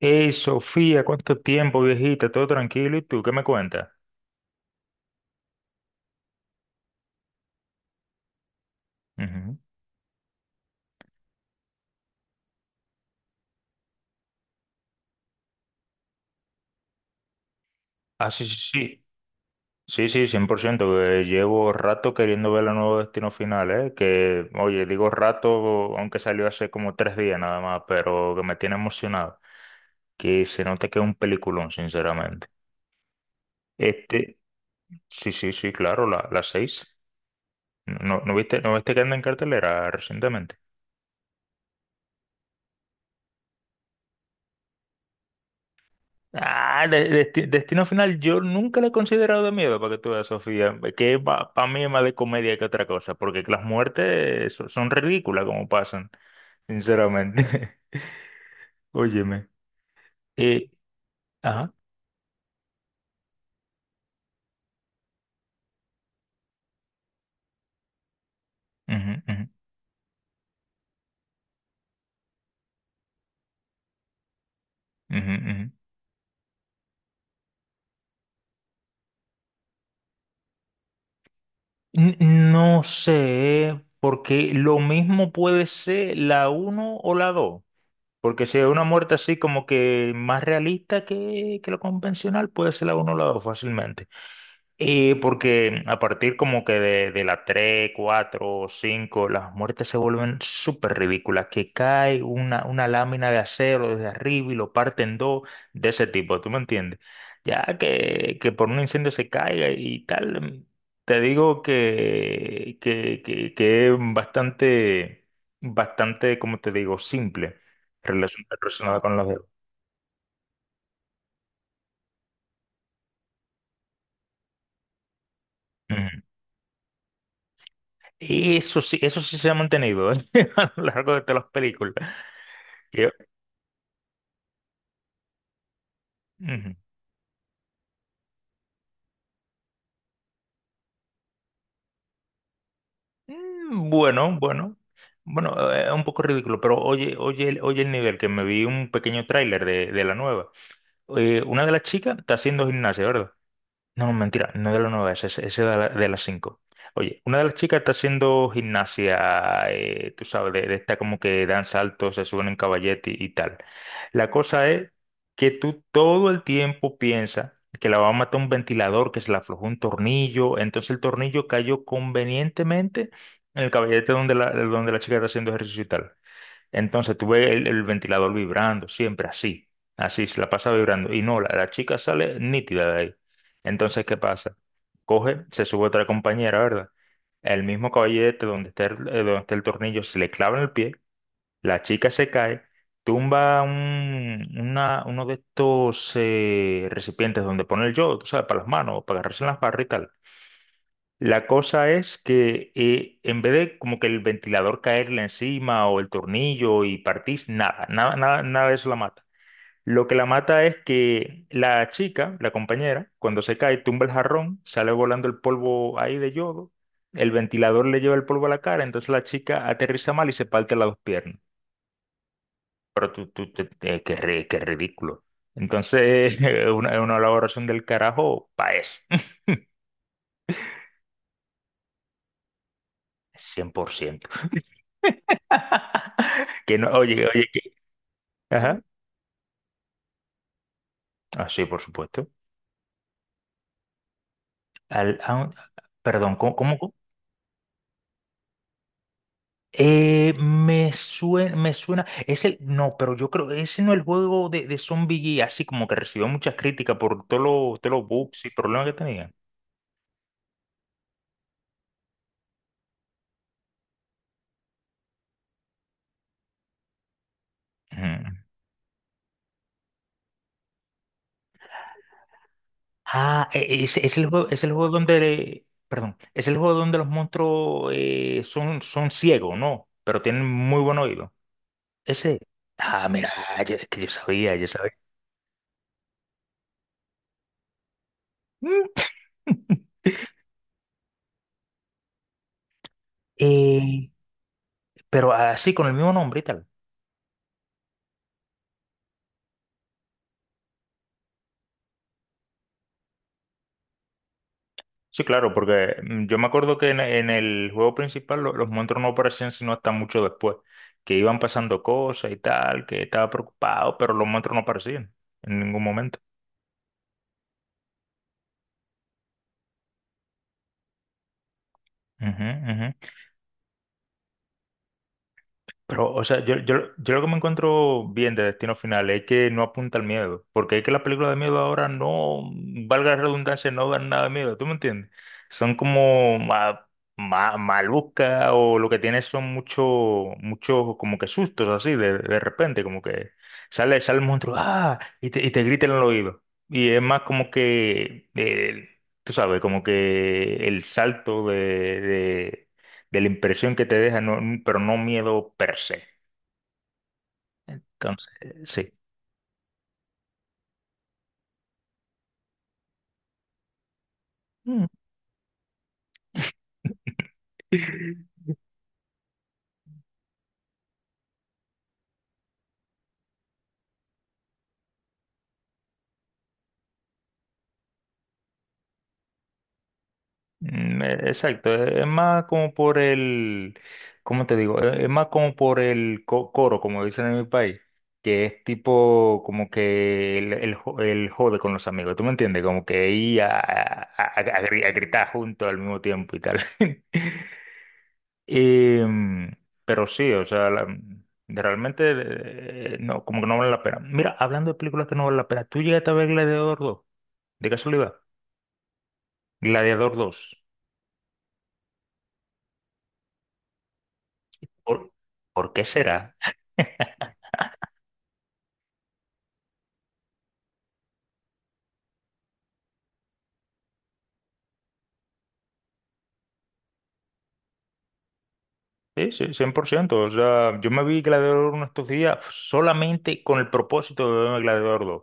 Hey, Sofía, ¿cuánto tiempo, viejita? ¿Todo tranquilo? ¿Y tú qué me cuentas? Ujú. Ah, sí, sí, sí. Sí, sí, 100% que llevo rato queriendo ver la nueva Destino Final, ¿eh? Que, oye, digo rato, aunque salió hace como 3 días nada más, pero que me tiene emocionado. Que se nota que es un peliculón, sinceramente. Este, sí, sí, sí, claro, la 6. ¿No, no viste que anda en cartelera recientemente? Ah, Destino Final, yo nunca la he considerado de miedo, para que tú veas, Sofía, que para mí es más de comedia que otra cosa, porque las muertes son ridículas como pasan, sinceramente. Óyeme. Eh, ajá. Ujú, ujú, ujú, ujú. N- No sé, porque lo mismo puede ser la uno o la 2, porque si es una muerte así como que más realista que lo convencional, puede ser la uno o la 2 fácilmente. Y porque a partir como que de la 3, 4, 5 las muertes se vuelven súper ridículas, que cae una lámina de acero desde arriba y lo parten dos de ese tipo, ¿tú me entiendes? Ya que por un incendio se caiga y tal, te digo que es bastante, bastante, como te digo, simple relacionada con los dedos. Ujú. Y eso sí se ha mantenido a lo largo de todas las películas. Ujú. Bueno, bueno, bueno, es un poco ridículo, pero oye, oye, oye el nivel, que me vi un pequeño tráiler de la nueva. Una de las chicas está haciendo gimnasia, ¿verdad? No, no, mentira, no de las nueve, ese de, de las cinco. Oye, una de las chicas está haciendo gimnasia, tú sabes, de esta como que dan saltos, se suben en caballete y tal. La cosa es que tú todo el tiempo piensas que la va a matar un ventilador, que se le aflojó un tornillo, entonces el tornillo cayó convenientemente en el caballete donde la chica está haciendo ejercicio y tal. Entonces tuve el ventilador vibrando, siempre así, así se la pasa vibrando. Y no, la chica sale nítida de ahí. Entonces, ¿qué pasa? Coge, se sube otra compañera, ¿verdad? El mismo caballete donde está el tornillo se le clava en el pie, la chica se cae, tumba uno de estos recipientes donde pone el yodo, tú sabes, para las manos, para agarrarse en las barras y tal. La cosa es que en vez de como que el ventilador caerle encima o el tornillo y partís, nada, nada, nada, nada de eso la mata. Lo que la mata es que la chica, la compañera, cuando se cae, tumba el jarrón, sale volando el polvo ahí de yodo, el ventilador le lleva el polvo a la cara, entonces la chica aterriza mal y se parte las dos piernas. Pero qué ridículo. Entonces, es una elaboración del carajo, pa' eso, 100%. Que no, oye, oye, que, ajá. Ah, sí, por supuesto. Al, a- Perdón, ¿cómo? ¿Cómo? Me suena, me suena, no, pero yo creo, ese no es el juego de Zombie así como que recibió muchas críticas por todos todos los bugs y problemas que tenía. Ujú. Ah, es el juego donde los monstruos son ciegos, ¿no? Pero tienen muy buen oído. Ese, ah, mira, es que yo sabía, yo sabía. Mm. Eh, pero así con el mismo nombre y tal. Sí, claro, porque yo me acuerdo que en el juego principal los monstruos no aparecían sino hasta mucho después, que iban pasando cosas y tal, que estaba preocupado, pero los monstruos no aparecían en ningún momento. Ujú, ujú. Pero, o sea, yo lo que me encuentro bien de Destino Final es que no apunta al miedo, porque es que las películas de miedo ahora no, valga la redundancia, no dan nada de miedo, ¿tú me entiendes? Son como malucas o lo que tiene son mucho, mucho como que sustos así, de repente, como que sale el monstruo, ¡ah! Y te, y te grita en el oído. Y es más como que, tú sabes, como que el salto de de la impresión que te deja, pero no miedo per se. Entonces, sí. Mm. Exacto, es más como por ¿cómo te digo? Es más como por el coro, como dicen en mi país, que es tipo como que el, el jode con los amigos, ¿tú me entiendes? Como que ir a gritar juntos al mismo tiempo y tal. Y, pero sí, o sea, realmente no, como que no vale la pena. Mira, hablando de películas que no vale la pena, ¿tú llegaste a ver Gladiador Dos? De casualidad. Gladiador Dos. ¿Por, por qué será? Sí, sí, 100%. O sea, yo me vi Gladiador Uno estos días solamente con el propósito de verme Gladiador Dos,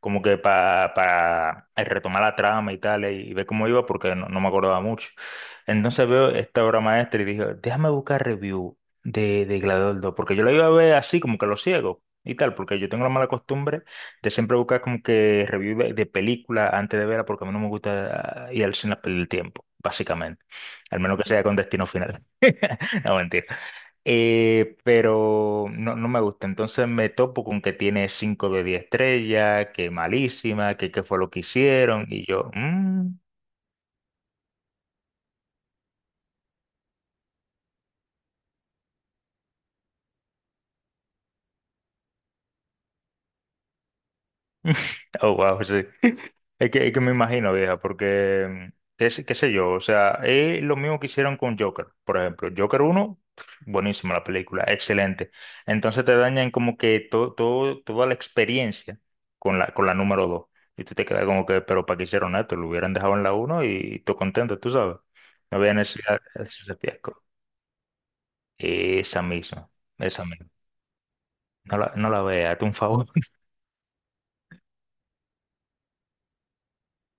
como que para retomar la trama y tal, y ver cómo iba, porque no me acordaba mucho. Entonces veo esta obra maestra y dije, déjame buscar review de Gladiador Dos, porque yo la iba a ver así, como que lo ciego y tal, porque yo tengo la mala costumbre de siempre buscar como que review de película antes de verla, porque a mí no me gusta ir al cine a perder el tiempo, básicamente. Al menos que sea con Destino Final. No, mentira. Pero no me gusta. Entonces me topo con que tiene 5 de 10 estrellas, que malísima, que qué fue lo que hicieron. Y yo, "Mm". Oh, wow, sí. Es que me imagino, vieja, porque, qué sé yo, o sea, es lo mismo que hicieron con Joker, por ejemplo. Joker uno, buenísima la película, excelente. Entonces te dañan como que toda la experiencia con la número 2. Y tú te quedas como que, pero ¿para qué hicieron esto? Lo hubieran dejado en la uno y tú contento, tú sabes. No había necesidad de hacer ese fiasco. Esa misma, esa misma. No la veas, hazte un favor.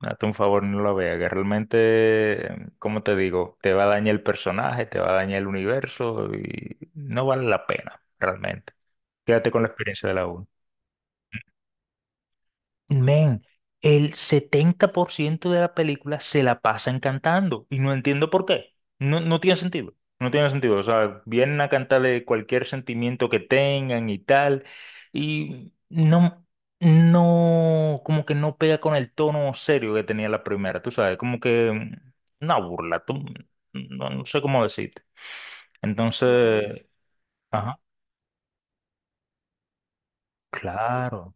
Hazte un favor, no lo veas, que realmente, como te digo, te va a dañar el personaje, te va a dañar el universo y no vale la pena, realmente. Quédate con la experiencia de la uno. Men, el 70% de la película se la pasan cantando y no entiendo por qué. No, no tiene sentido. No tiene sentido. O sea, vienen a cantarle cualquier sentimiento que tengan y tal. Y no, como que no pega con el tono serio que tenía la primera, tú sabes, como que una burla, tú, no, sé cómo decirte. Mm. Entonces, ajá, claro,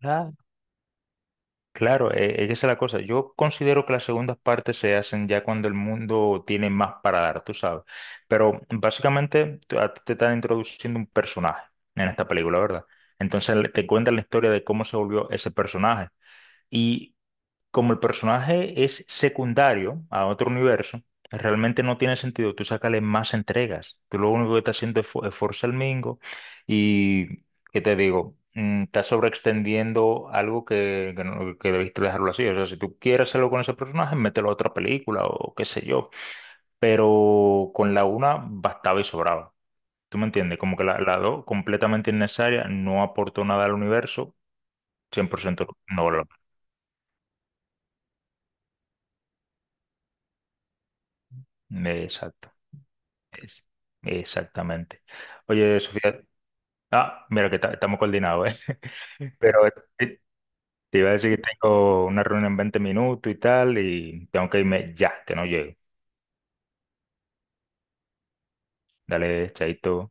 claro. Claro, esa es la cosa. Yo considero que las segundas partes se hacen ya cuando el mundo tiene más para dar, tú sabes. Pero básicamente a ti te están introduciendo un personaje en esta película, ¿verdad? Entonces te cuentan la historia de cómo se volvió ese personaje, como el personaje es secundario a otro universo, realmente no tiene sentido tú sacarle más entregas. Tú lo único que estás haciendo es forzar el mingo y, ¿qué te digo? Estás sobreextendiendo algo que, no- que debiste dejarlo así. O sea, si tú quieres hacerlo con ese personaje, mételo a otra película o qué sé yo. Pero con la una bastaba y sobraba. ¿Tú me entiendes? Como que la dos, completamente innecesaria, no aportó nada al universo. 100% no valor. Exacto. Es- Exactamente. Oye, Sofía, mira que estamos coordinados, ¿eh? Pero te, te iba a decir que tengo una reunión en 20 minutos y tal, y tengo que irme ya, que no llego. Dale, chaito.